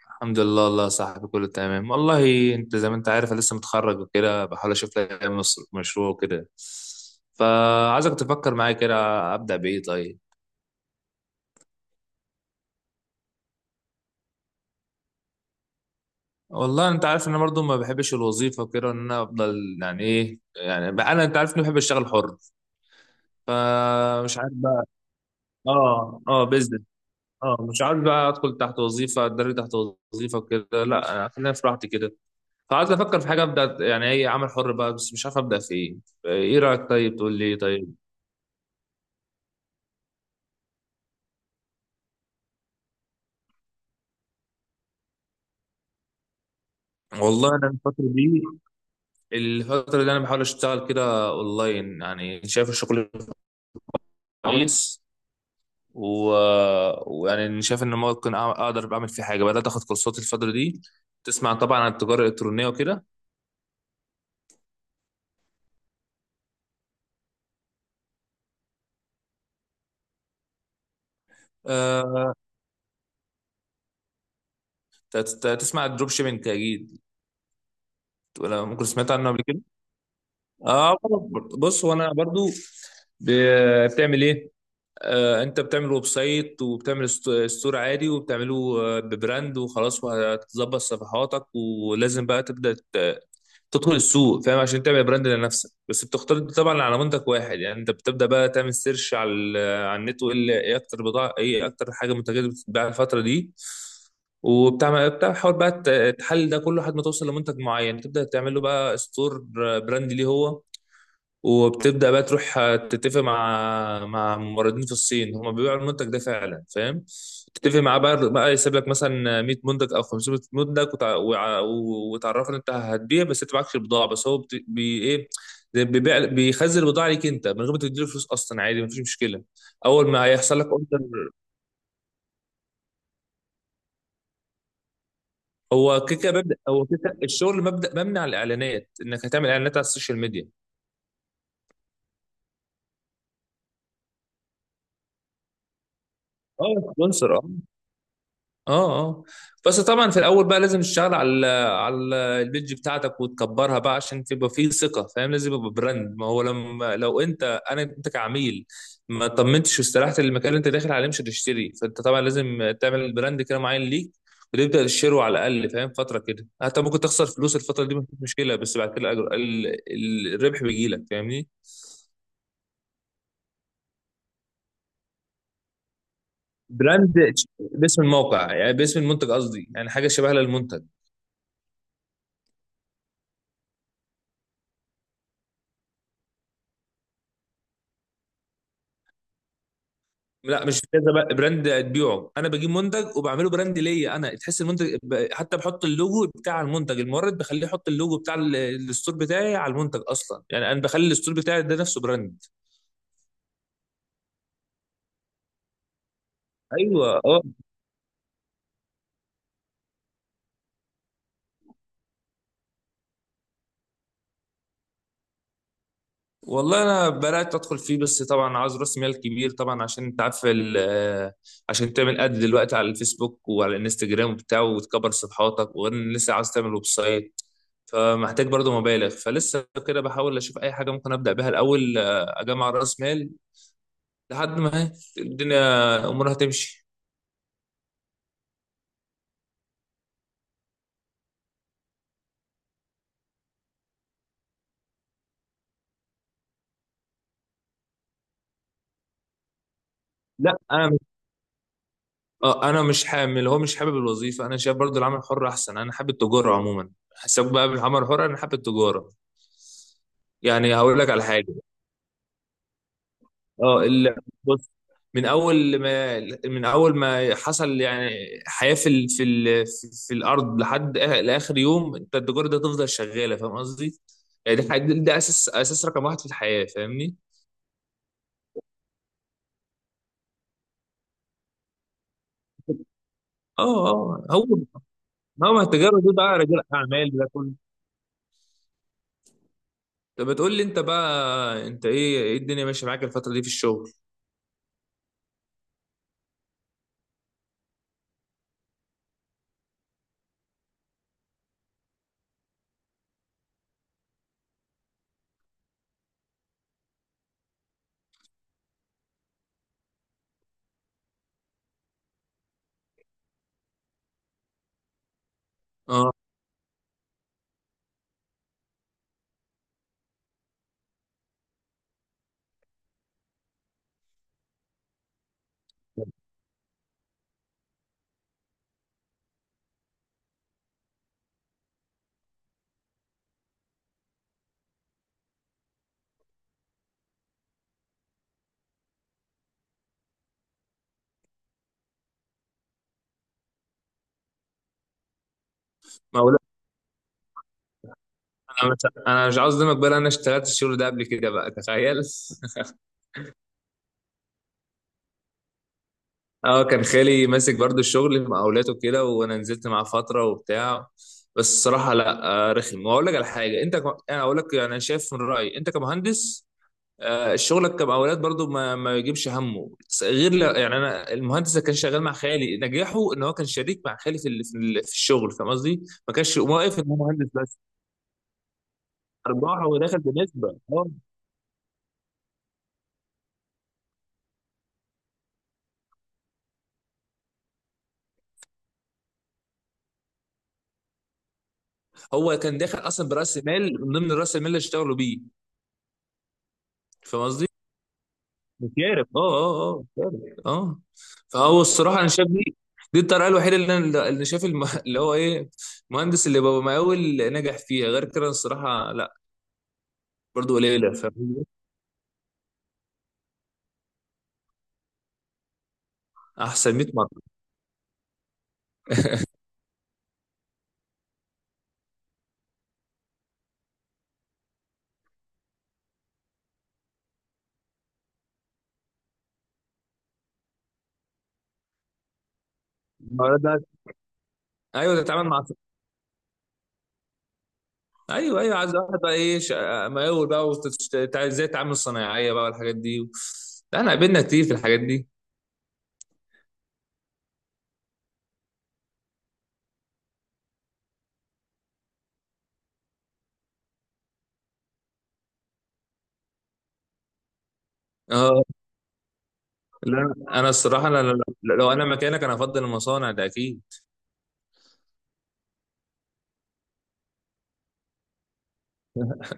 الحمد لله والله يا صاحبي، كله تمام والله. انت زي ما انت عارف، انا لسه متخرج وكده، بحاول اشوف لي مشروع وكده. فعايزك تفكر معايا كده. ابدا بايه طيب؟ والله انت عارف ان انا برضو ما بحبش الوظيفه وكده، ان انا افضل يعني ايه، يعني بقى انا، انت عارف اني بحب اشتغل حر. فمش عارف بقى. اه، اه، بزنس. اه، مش عارف بقى ادخل تحت وظيفه، اتدرب تحت وظيفه وكده. لا، انا خلينا في راحتي كده. فعايز افكر في حاجه ابدا، يعني ايه عمل حر بقى، بس مش عارف ابدا في ايه. ايه رايك طيب؟ تقول لي إيه طيب. والله انا الفتره دي، انا بحاول اشتغل كده اونلاين. يعني شايف الشغل كويس، و... ويعني شايف ان ممكن اقدر اعمل فيه حاجه. بدات اخد كورسات الفتره دي. تسمع طبعا عن التجاره الالكترونيه وكده. أه... تسمع الدروب شيبينج اكيد، ولا ممكن سمعت عنه قبل كده؟ اه. بص، وانا برضو ب... بتعمل ايه؟ انت بتعمل ويب سايت وبتعمل ستور عادي، وبتعمله ببراند وخلاص. وهتظبط صفحاتك، ولازم بقى تبدا تدخل السوق، فاهم؟ عشان تعمل براند لنفسك. بس بتختار طبعا على منتج واحد، يعني انت بتبدا بقى تعمل سيرش على النت. وايه اللي- ايه اكتر بضاعه، ايه اكتر حاجه، منتجات بتتباع الفتره دي. وبتعمل، بتحاول بقى تحلل ده كله لحد ما توصل لمنتج معين، تبدا تعمل له بقى ستور، براند ليه هو. وبتبدأ بقى تروح تتفق مع موردين في الصين هم بيبيعوا المنتج ده فعلا، فاهم؟ تتفق معاه بقى يسيب لك مثلا 100 منتج او 500 منتج، وتعرفك إن انت هتبيع، بس انت معكش البضاعه، بس هو ايه، زي بيبيع، بيخزن البضاعه ليك انت من غير ما تديله فلوس اصلا، عادي مفيش مشكله. اول ما هيحصل لك اوردر، هو كيكه، الشغل مبدا مبني على الاعلانات، انك هتعمل اعلانات على السوشيال ميديا. اه، سبونسر. اه، اه. بس طبعا في الاول بقى لازم تشتغل على ال البيج بتاعتك، وتكبرها بقى عشان تبقى فيه ثقه، فاهم؟ لازم يبقى براند. ما هو لما لو انت كعميل ما طمنتش واستريحت المكان اللي انت داخل عليه، مش هتشتري. فانت طبعا لازم تعمل براند كده معين ليك، وتبدا تشتره على الاقل، فاهم؟ فتره كده حتى ممكن تخسر فلوس الفتره دي، مفيش مشكله، بس بعد كده الربح بيجي لك، فاهمني؟ براند باسم الموقع، يعني باسم المنتج قصدي، يعني حاجه شبه للمنتج. لا، مش كذا بقى براند تبيعه. انا بجيب منتج وبعمله براند ليا انا، تحس المنتج، حتى بحط اللوجو بتاع المنتج. المورد بخليه يحط اللوجو بتاع الستور بتاعي على المنتج اصلا. يعني انا بخلي الستور بتاعي ده نفسه براند. ايوه، اه. والله انا بدات ادخل فيه، بس طبعا عاوز راس مال كبير طبعا، عشان انت عارف عشان تعمل اد دلوقتي على الفيسبوك وعلى الانستجرام وبتاع، وتكبر صفحاتك. وغير ان لسه عاوز تعمل ويب سايت، فمحتاج برضه مبالغ. فلسه كده بحاول اشوف اي حاجه ممكن ابدا بيها الاول، اجمع راس مال لحد ما الدنيا امورها تمشي. لا، انا مش، اه انا مش حامل، هو مش حابب الوظيفه. انا شايف برضو العمل الحر احسن، انا حابب التجاره عموما. حساب بقى بالعمل الحر، انا حابب التجاره. يعني هقول لك على حاجه. اه ال- بص، من اول ما، حصل يعني حياه في في الارض، لحد لاخر يوم، انت التجاره دي هتفضل شغاله، فاهم قصدي؟ يعني ده اساس، اساس رقم واحد في الحياه، فاهمني؟ اه، اه، هو التجاره دي بقى، رجال اعمال ده. طب بتقول لي انت بقى، انت ايه الدنيا ماشيه معاك الفتره دي في الشغل؟ اه. ما اقول، انا مش انا مش عاوز اظلمك بقى، لأن انا اشتغلت الشغل ده قبل كده بقى، تخيل. اه، كان خالي ماسك برضو الشغل، مقاولاته كده، وانا نزلت معاه فتره وبتاع، بس الصراحه لا. رخم. واقول لك على حاجه، انا اقول لك. يعني انا شايف من رايي، انت كمهندس، شغلك كمقاولات برضو ما يجيبش همه، غير يعني، انا المهندس اللي كان شغال مع خالي، نجاحه ان هو كان شريك مع خالي في الشغل، فاهم قصدي؟ ما كانش واقف ان هو مهندس بس، ارباح، هو داخل بنسبه. اه، هو كان داخل اصلا براس مال، من ضمن راس المال اللي اشتغلوا بيه، فاهم قصدي؟ مشارف. اه، اه، اه، مشارف، اه. فهو الصراحه انا شايف دي الطريقه الوحيده اللي شايف، اللي هو ايه، المهندس اللي بابا مقاول نجح فيها. غير كده الصراحه لا، برضو قليله، فاهم قصدي؟ احسن 100. ما هو ده. ايوه، تتعامل مع. ايوه، ايوه، عايز واحد بقى، ايه مقاول بقى، ازاي التعامل الصناعيه بقى والحاجات دي لا، انا قابلنا كتير في الحاجات دي. اه، لا، انا الصراحه، انا لو انا مكانك انا افضل المصانع ده اكيد.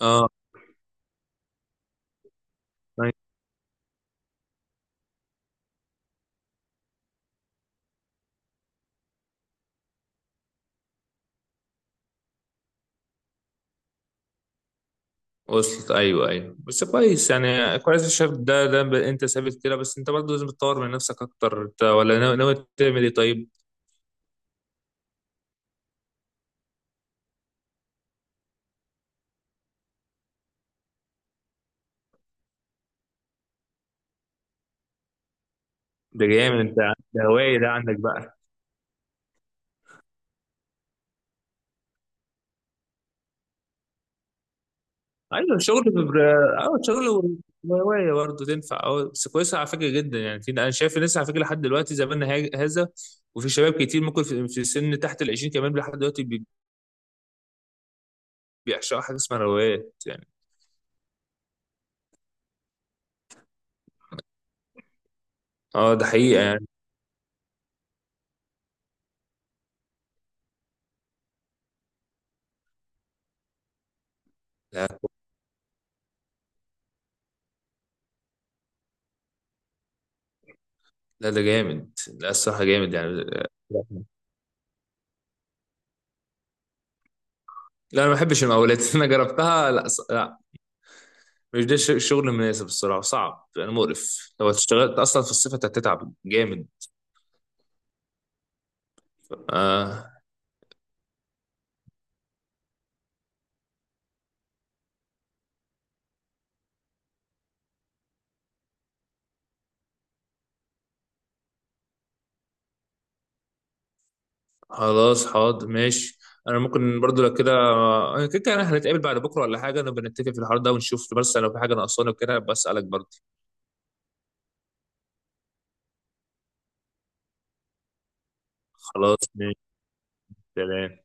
اه. أيوة. وصلت. ايوه، ايوه، بس كويس، يعني كويس. الشاب ده، انت ثابت كده، بس انت برضه لازم تطور من نفسك اكتر. انت ولا ناوي تعمل ايه طيب؟ ده جامد انت. ده هوايه ده عندك بقى؟ ايوه، اه، شغل وهوايه برضه تنفع. اه، بس كويسه على فكره جدا، يعني انا شايف الناس على فكره لحد دلوقتي، زماننا هذا. وفي شباب كتير ممكن في سن تحت ال 20 كمان لحد دلوقتي، بيعشقوا حاجه اسمها روايات يعني. اه، ده حقيقه يعني. لا، لا، ده جامد، لا الصراحه جامد يعني. لا، انا ما بحبش المقاولات. انا جربتها، لا، لا، مش ده الشغل المناسب. الصراحه صعب يعني، مقرف لو اشتغلت اصلا في الصيف هتتعب جامد. آه خلاص، حاضر، ماشي. انا ممكن برضو لو كده، أنا كده كده هنتقابل بعد بكره ولا حاجه، نبقى نتفق في الحوار ده ونشوف. بس لو في حاجه ناقصاني وكده بسالك برضو. خلاص، ماشي. سلام.